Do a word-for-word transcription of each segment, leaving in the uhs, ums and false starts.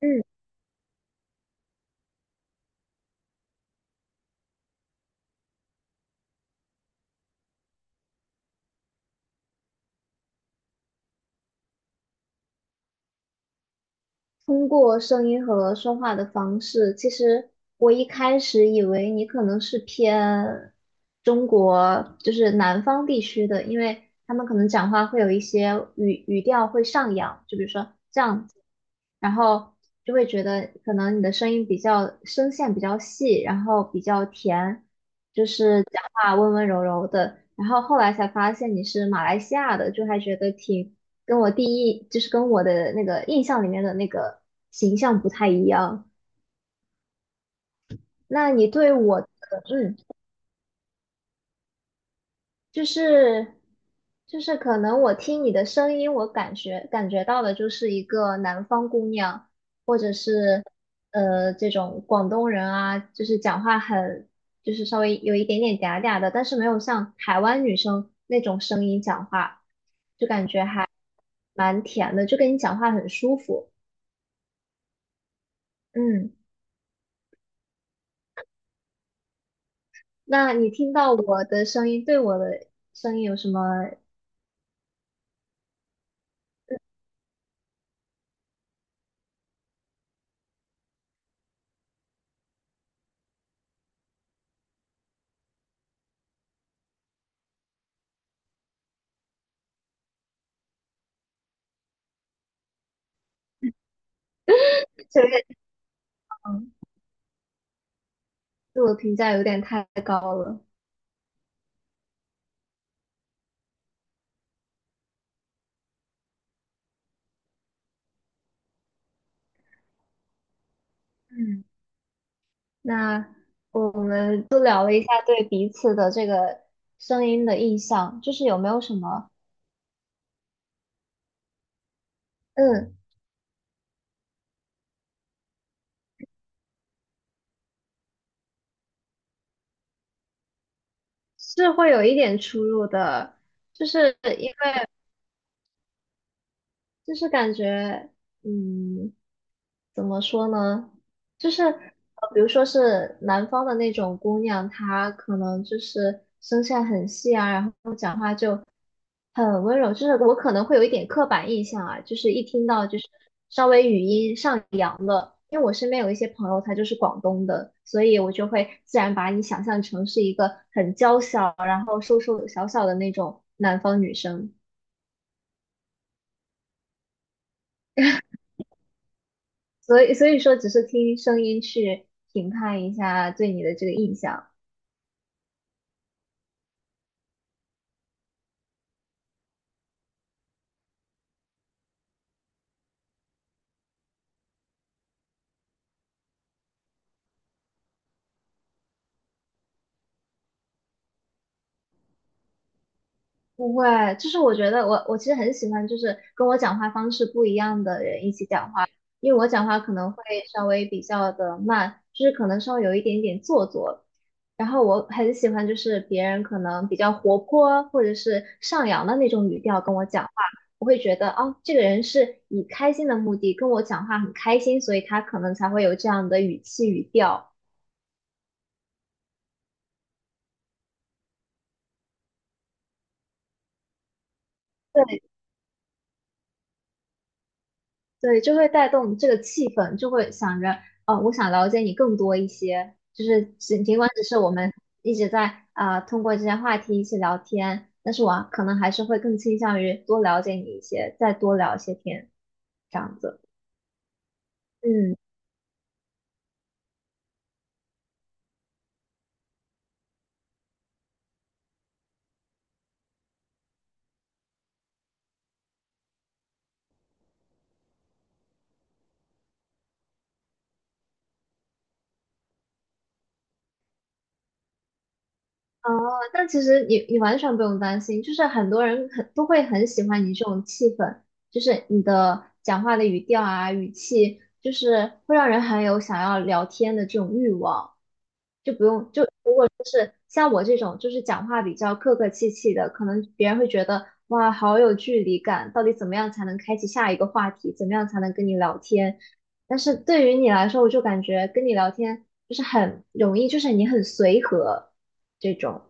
嗯，通过声音和说话的方式，其实我一开始以为你可能是偏中国，就是南方地区的，因为他们可能讲话会有一些语语调会上扬，就比如说这样子，然后就会觉得可能你的声音比较声线比较细，然后比较甜，就是讲话温温柔柔的，然后后来才发现你是马来西亚的，就还觉得挺。跟我第一就是跟我的那个印象里面的那个形象不太一样。那你对我的，嗯，就是就是可能我听你的声音，我感觉感觉到的就是一个南方姑娘，呃，这种广东人啊，就是讲话很就是稍微有一点点嗲嗲的，但是没有像台湾女生那种声音讲话蛮甜的，就跟你讲话很舒服。嗯，那你听到我的声音，对我的声音有什么这有点嗯自我评价有点太高了。嗯那我们就聊了一下对彼此的这个声音的印象，就是有没有什么，嗯，是会有一点出入的，就是因为就是感觉，嗯，怎么说呢？就是呃比如说是南方的那种姑娘，她可能就是声线很细啊，然后讲话就很温柔，就是我可能会有一点刻板印象啊，就是一听到就是稍微语音上扬了，因为我身边有一些朋友她就是广东的，所以我就会自然把你想象成是一个很娇小，然后瘦瘦小小的那种南方女生，所以所以说只是听声音去评判一下对你的这个印象。不会，就是我觉得我我其实很喜欢，就是跟我讲话方式不一样的人一起讲话，因为我讲话可能会稍微比较的慢，就是可能稍微有一点点做作。然后我很喜欢，就是别人可能比较活泼或者是上扬的那种语调跟我讲话，我会觉得哦，这个人是以开心的目的跟我讲话很开心，所以他可能才会有这样的语气语调。对。对，就会带动这个气氛，就会想着，哦，我想了解你更多一些，就是尽尽管只是我们一直在啊、通过这些话题一起聊天，但是我可能还是会更倾向于多了解你一些，再多聊一些天，这样子。嗯，哦，但其实你你完全不用担心，就是很多人很都会很喜欢你这种气氛，就是你的讲话的语调啊、语气，就是会让人很有想要聊天的这种欲望。就不用就像我这种就是讲话比较客客气气的，可能别人会觉得哇，好有距离感，到底怎么样才能开启下一个话题？怎么样才能跟你聊天？但是对于你来说，我就感觉跟你聊天就是很容易，就是你很随和这种。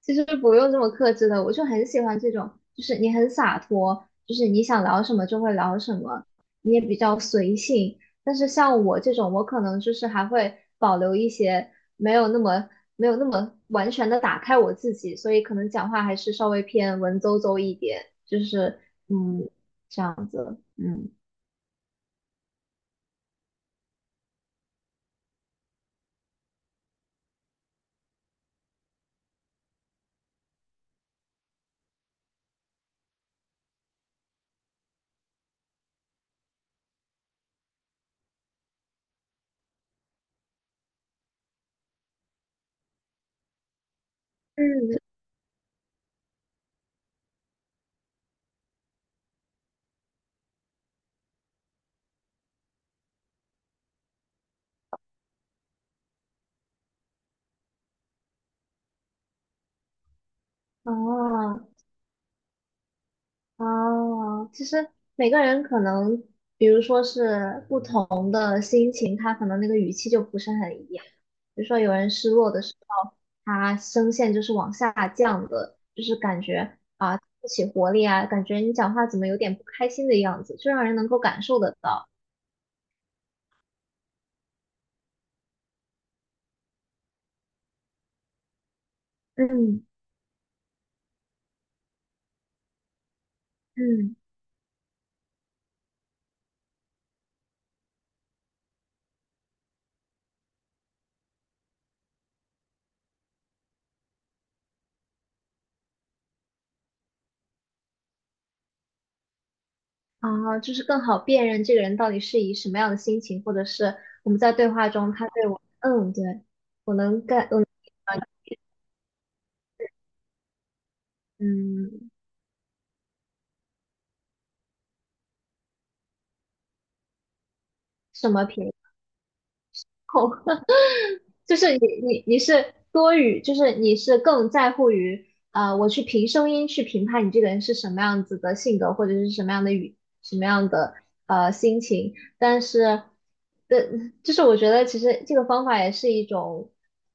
其实不用这么克制的，我就很喜欢这种，就是你很洒脱，就是你想聊什么就会聊什么，你也比较随性。但是像我这种，我可能就是还会保留一些没有那么没有那么完全的打开我自己，所以可能讲话还是稍微偏文绉绉一点，就是嗯这样子，嗯嗯，哦，哦，其实每个人可能，比如说是不同的心情，他可能那个语气就不是很一样。比如说有人失落的时候，他声线就是往下降的，就是感觉啊不起活力啊，感觉你讲话怎么有点不开心的样子，就让人能够感受得到。嗯嗯，啊，就是更好辨认这个人到底是以什么样的心情，或者是我们在对话中他对我，嗯，对，我能 g e 我能嗯什么频率。就是你你你是多于，就是你是更在乎于，啊，我去凭声音去评判你这个人是什么样子的性格，或者是什么样的语，什么样的呃心情。但是，的，就是我觉得其实这个方法也是一种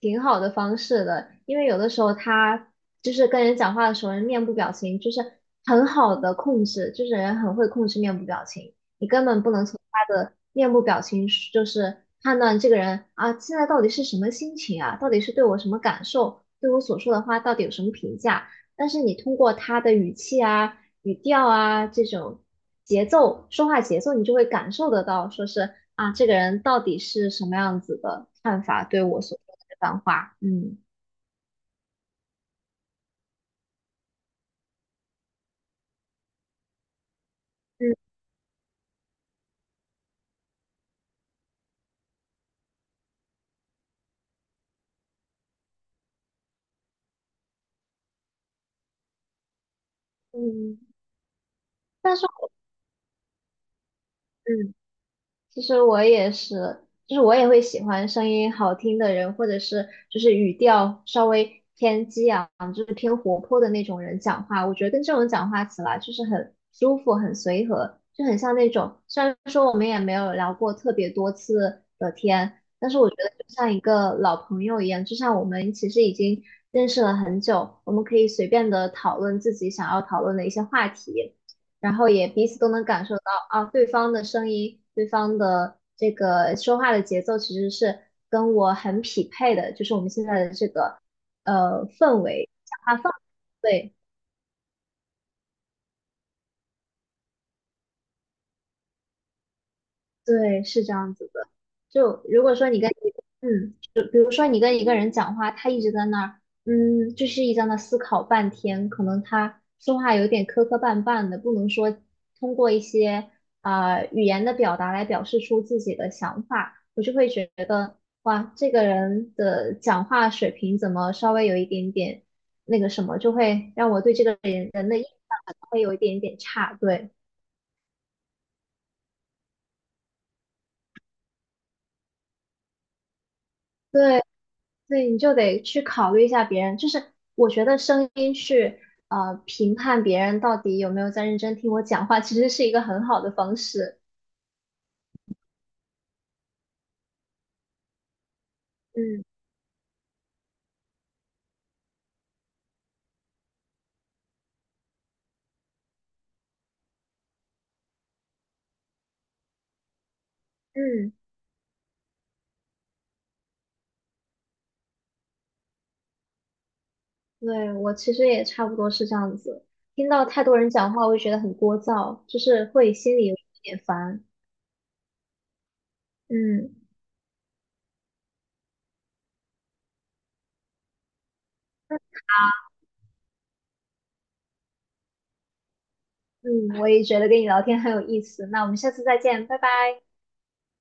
挺好的方式的，因为有的时候他就是跟人讲话的时候，人面部表情就是很好的控制，就是人很会控制面部表情。你根本不能从他的面部表情是就是判断这个人啊，现在到底是什么心情啊，到底是对我什么感受，对我所说的话到底有什么评价。但是你通过他的语气啊、语调啊这种节奏、说话节奏，你就会感受得到，说是啊，这个人到底是什么样子的看法对我所说的这番话，嗯。嗯嗯但是。嗯。其实我也是，就是我也会喜欢声音好听的人，或者是就是语调稍微偏激昂，就是偏活泼的那种人讲话。我觉得跟这种讲话起来就是很舒服、很随和，就很像那种。虽然说我们也没有聊过特别多次的天，但是我觉得就像一个老朋友一样，就像我们其实已经认识了很久，我们可以随便的讨论自己想要讨论的一些话题。然后也彼此都能感受到啊，对方的声音，对方的这个说话的节奏其实是跟我很匹配的，就是我们现在的这个呃氛围，讲话氛围，对。对，是这样子的。就如果说你跟一个嗯，就比如说你跟一个人讲话，他一直在那儿，嗯，就是一直在那思考半天，可能他说话有点磕磕绊绊的，不能说通过一些啊语言的表达来表示出自己的想法，我就会觉得，哇，这个人的讲话水平怎么稍微有一点点那个什么，就会让我对这个人人的印象可能会有一点点差，对。对，所以你就得去考虑一下别人，就是我觉得声音去呃评判别人到底有没有在认真听我讲话，其实是一个很好的方式。嗯嗯，对，我其实也差不多是这样子，听到太多人讲话，我会觉得很聒噪，就是会心里有一点烦。嗯嗯，我也觉得跟你聊天很有意思，那我们下次再见，拜拜。